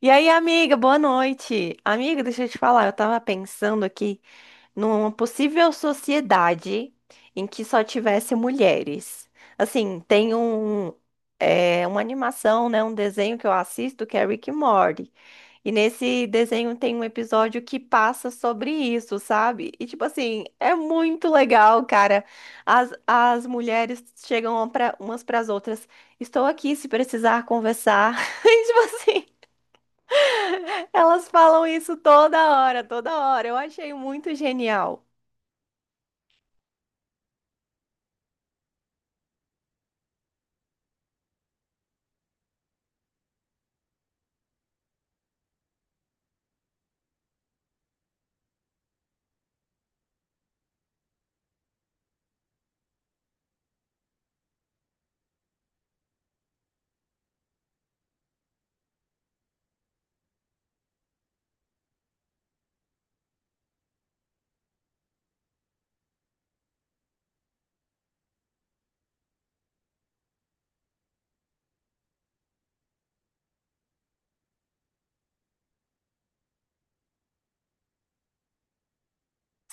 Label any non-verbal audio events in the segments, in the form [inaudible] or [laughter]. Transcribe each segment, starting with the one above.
E aí, amiga, boa noite. Amiga, deixa eu te falar, eu tava pensando aqui numa possível sociedade em que só tivesse mulheres. Assim, tem um, uma animação, né, um desenho que eu assisto que é Rick e Morty. E nesse desenho tem um episódio que passa sobre isso, sabe? E tipo assim, é muito legal, cara. As mulheres chegam pra, umas pras outras. Estou aqui se precisar conversar. [laughs] E, tipo assim. Elas falam isso toda hora, toda hora. Eu achei muito genial.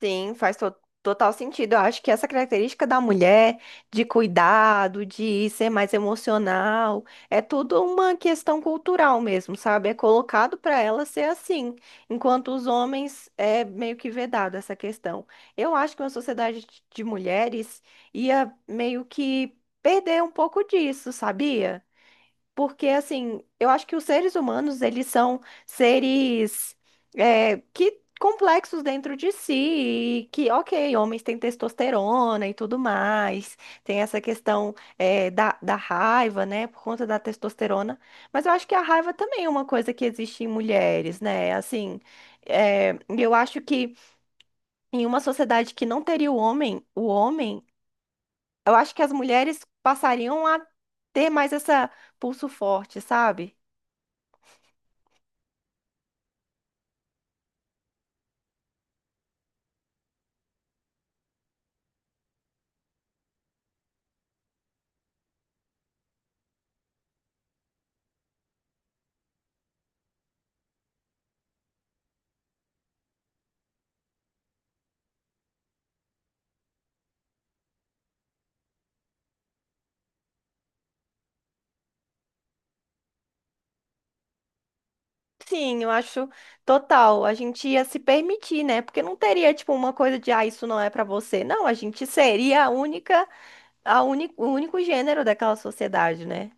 Sim, total sentido. Eu acho que essa característica da mulher de cuidado, de ser mais emocional, é tudo uma questão cultural mesmo, sabe? É colocado para ela ser assim, enquanto os homens é meio que vedado essa questão. Eu acho que uma sociedade de mulheres ia meio que perder um pouco disso, sabia? Porque, assim, eu acho que os seres humanos, eles são seres que complexos dentro de si, e que, ok, homens têm testosterona e tudo mais, tem essa questão da raiva, né, por conta da testosterona, mas eu acho que a raiva também é uma coisa que existe em mulheres, né, assim, eu acho que em uma sociedade que não teria o homem, eu acho que as mulheres passariam a ter mais essa pulso forte, sabe? Sim, eu acho total. A gente ia se permitir, né? Porque não teria, tipo, uma coisa de, ah, isso não é pra você. Não, a gente seria a única, o único gênero daquela sociedade, né?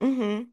Uhum.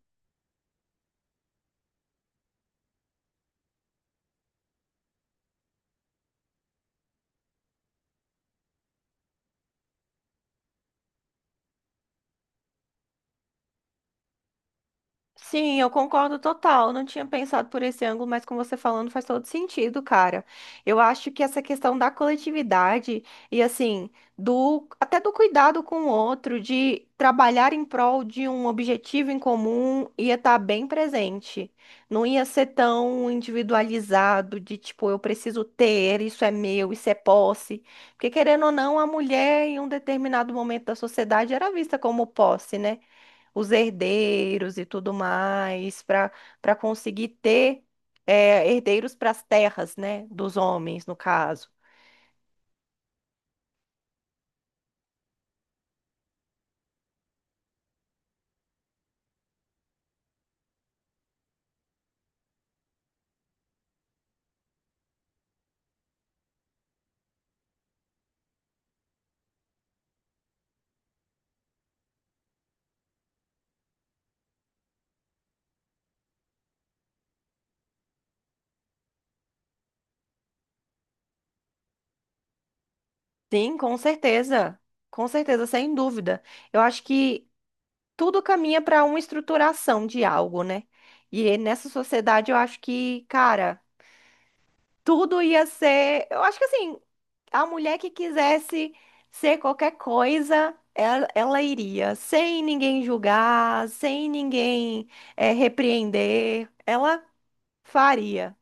Sim, eu concordo total. Não tinha pensado por esse ângulo, mas com você falando faz todo sentido, cara. Eu acho que essa questão da coletividade e assim, do até do cuidado com o outro, de trabalhar em prol de um objetivo em comum, ia estar bem presente. Não ia ser tão individualizado de tipo, eu preciso ter, isso é meu, isso é posse. Porque querendo ou não, a mulher em um determinado momento da sociedade era vista como posse, né? Os herdeiros e tudo mais, para conseguir ter herdeiros para as terras, né, dos homens, no caso. Sim, com certeza, sem dúvida. Eu acho que tudo caminha para uma estruturação de algo, né? E nessa sociedade eu acho que, cara, tudo ia ser. Eu acho que assim. A mulher que quisesse ser qualquer coisa, ela iria, sem ninguém julgar, sem ninguém repreender, ela faria.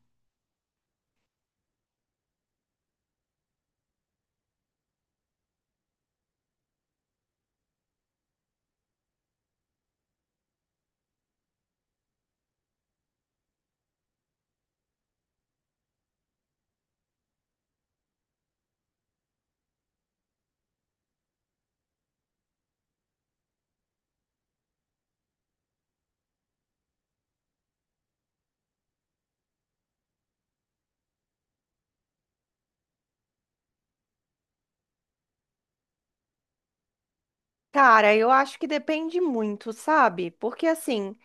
Cara, eu acho que depende muito, sabe? Porque assim,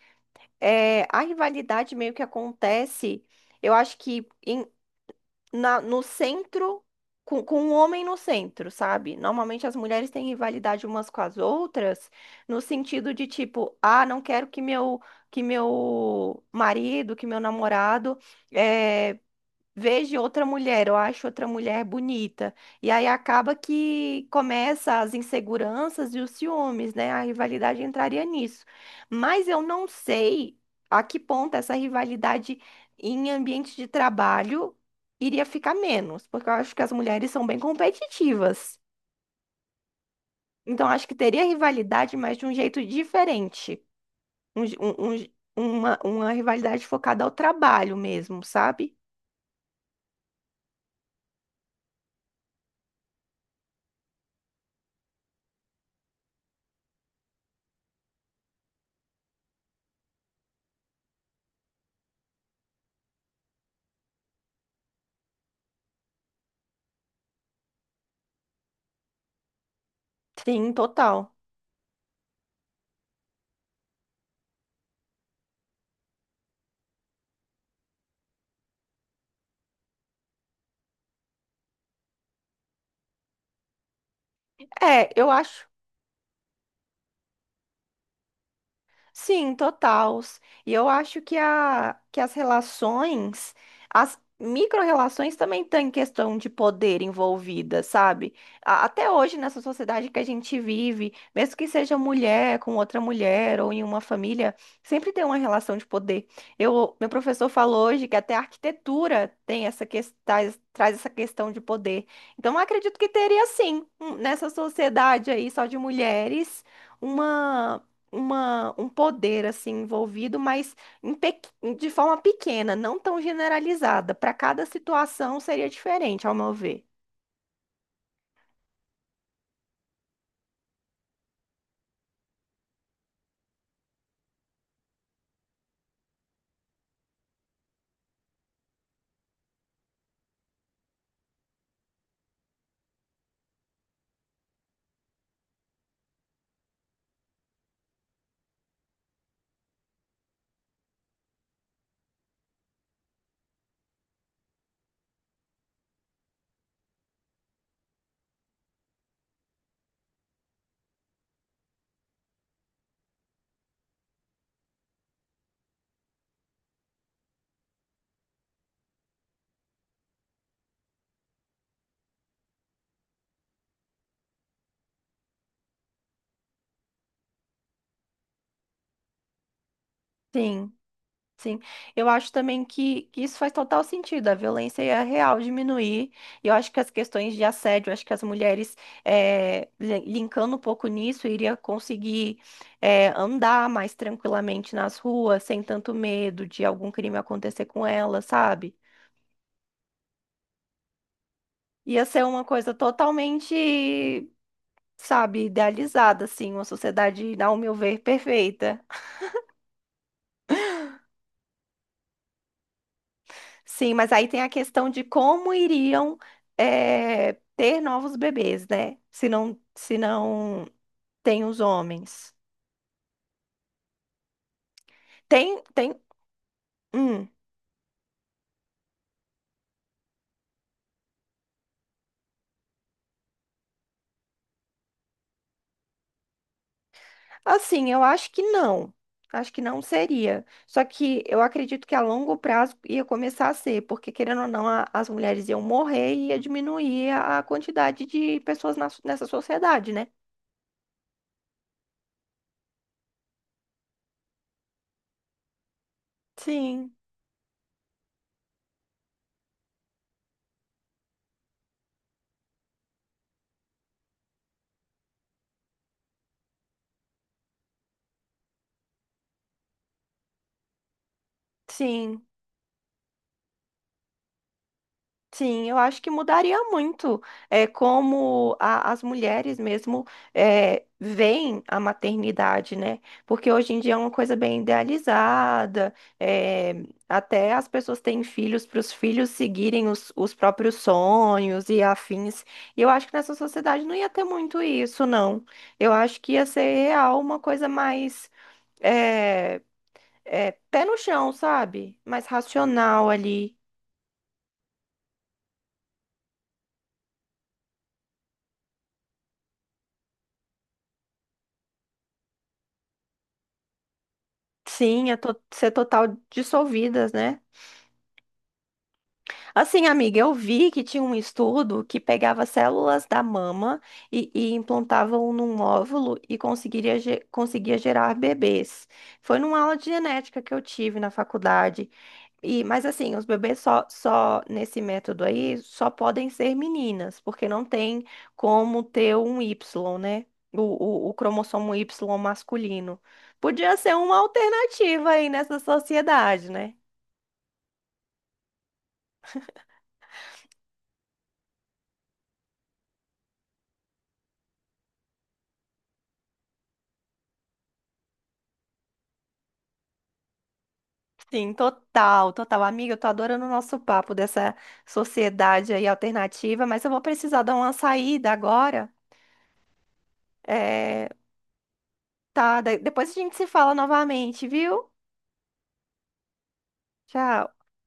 a rivalidade meio que acontece, eu acho que no centro, com um homem no centro, sabe? Normalmente as mulheres têm rivalidade umas com as outras, no sentido de tipo, ah, não quero que meu marido, que meu namorado eh, vejo outra mulher, eu acho outra mulher bonita. E aí acaba que começa as inseguranças e os ciúmes, né? A rivalidade entraria nisso. Mas eu não sei a que ponto essa rivalidade em ambiente de trabalho iria ficar menos, porque eu acho que as mulheres são bem competitivas. Então, acho que teria rivalidade, mas de um jeito diferente. Uma rivalidade focada ao trabalho mesmo, sabe? Sim, total. É, eu acho. Sim, total. E eu acho que, que as relações, as micro-relações também têm questão de poder envolvida, sabe? Até hoje, nessa sociedade que a gente vive, mesmo que seja mulher com outra mulher ou em uma família, sempre tem uma relação de poder. Eu, meu professor falou hoje que até a arquitetura tem essa questão, traz essa questão de poder. Então, eu acredito que teria sim, nessa sociedade aí só de mulheres, uma um poder assim envolvido, mas em pequ- de forma pequena, não tão generalizada. Para cada situação seria diferente, ao meu ver. Sim, sim. Eu acho também que isso faz total sentido. A violência é real diminuir. E eu acho que as questões de assédio, eu acho que as mulheres, linkando um pouco nisso, iria conseguir, andar mais tranquilamente nas ruas, sem tanto medo de algum crime acontecer com ela, sabe? Ia ser uma coisa totalmente, sabe, idealizada, assim, uma sociedade, ao meu ver, perfeita. Sim, mas aí tem a questão de como iriam ter novos bebês, né? Se não tem os homens. Tem, tem, hum, assim, eu acho que não. Acho que não seria. Só que eu acredito que a longo prazo ia começar a ser, porque querendo ou não, as mulheres iam morrer e ia diminuir a quantidade de pessoas nessa sociedade, né? Sim, sim. Sim, eu acho que mudaria muito como as mulheres mesmo veem a maternidade, né? Porque hoje em dia é uma coisa bem idealizada, é, até as pessoas têm filhos para os filhos seguirem os próprios sonhos e afins. E eu acho que nessa sociedade não ia ter muito isso, não. Eu acho que ia ser real uma coisa mais é, pé no chão, sabe? Mais racional ali. Sim, ser total dissolvidas, né? Assim, amiga, eu vi que tinha um estudo que pegava células da mama e implantavam num óvulo e conseguiria, conseguia gerar bebês. Foi numa aula de genética que eu tive na faculdade. E, mas assim, os bebês só nesse método aí só podem ser meninas, porque não tem como ter um Y, né? O, o cromossomo Y masculino. Podia ser uma alternativa aí nessa sociedade, né? Sim, total, total. Amiga, eu tô adorando o nosso papo dessa sociedade aí alternativa, mas eu vou precisar dar uma saída agora. É, tá, depois a gente se fala novamente, viu? Tchau.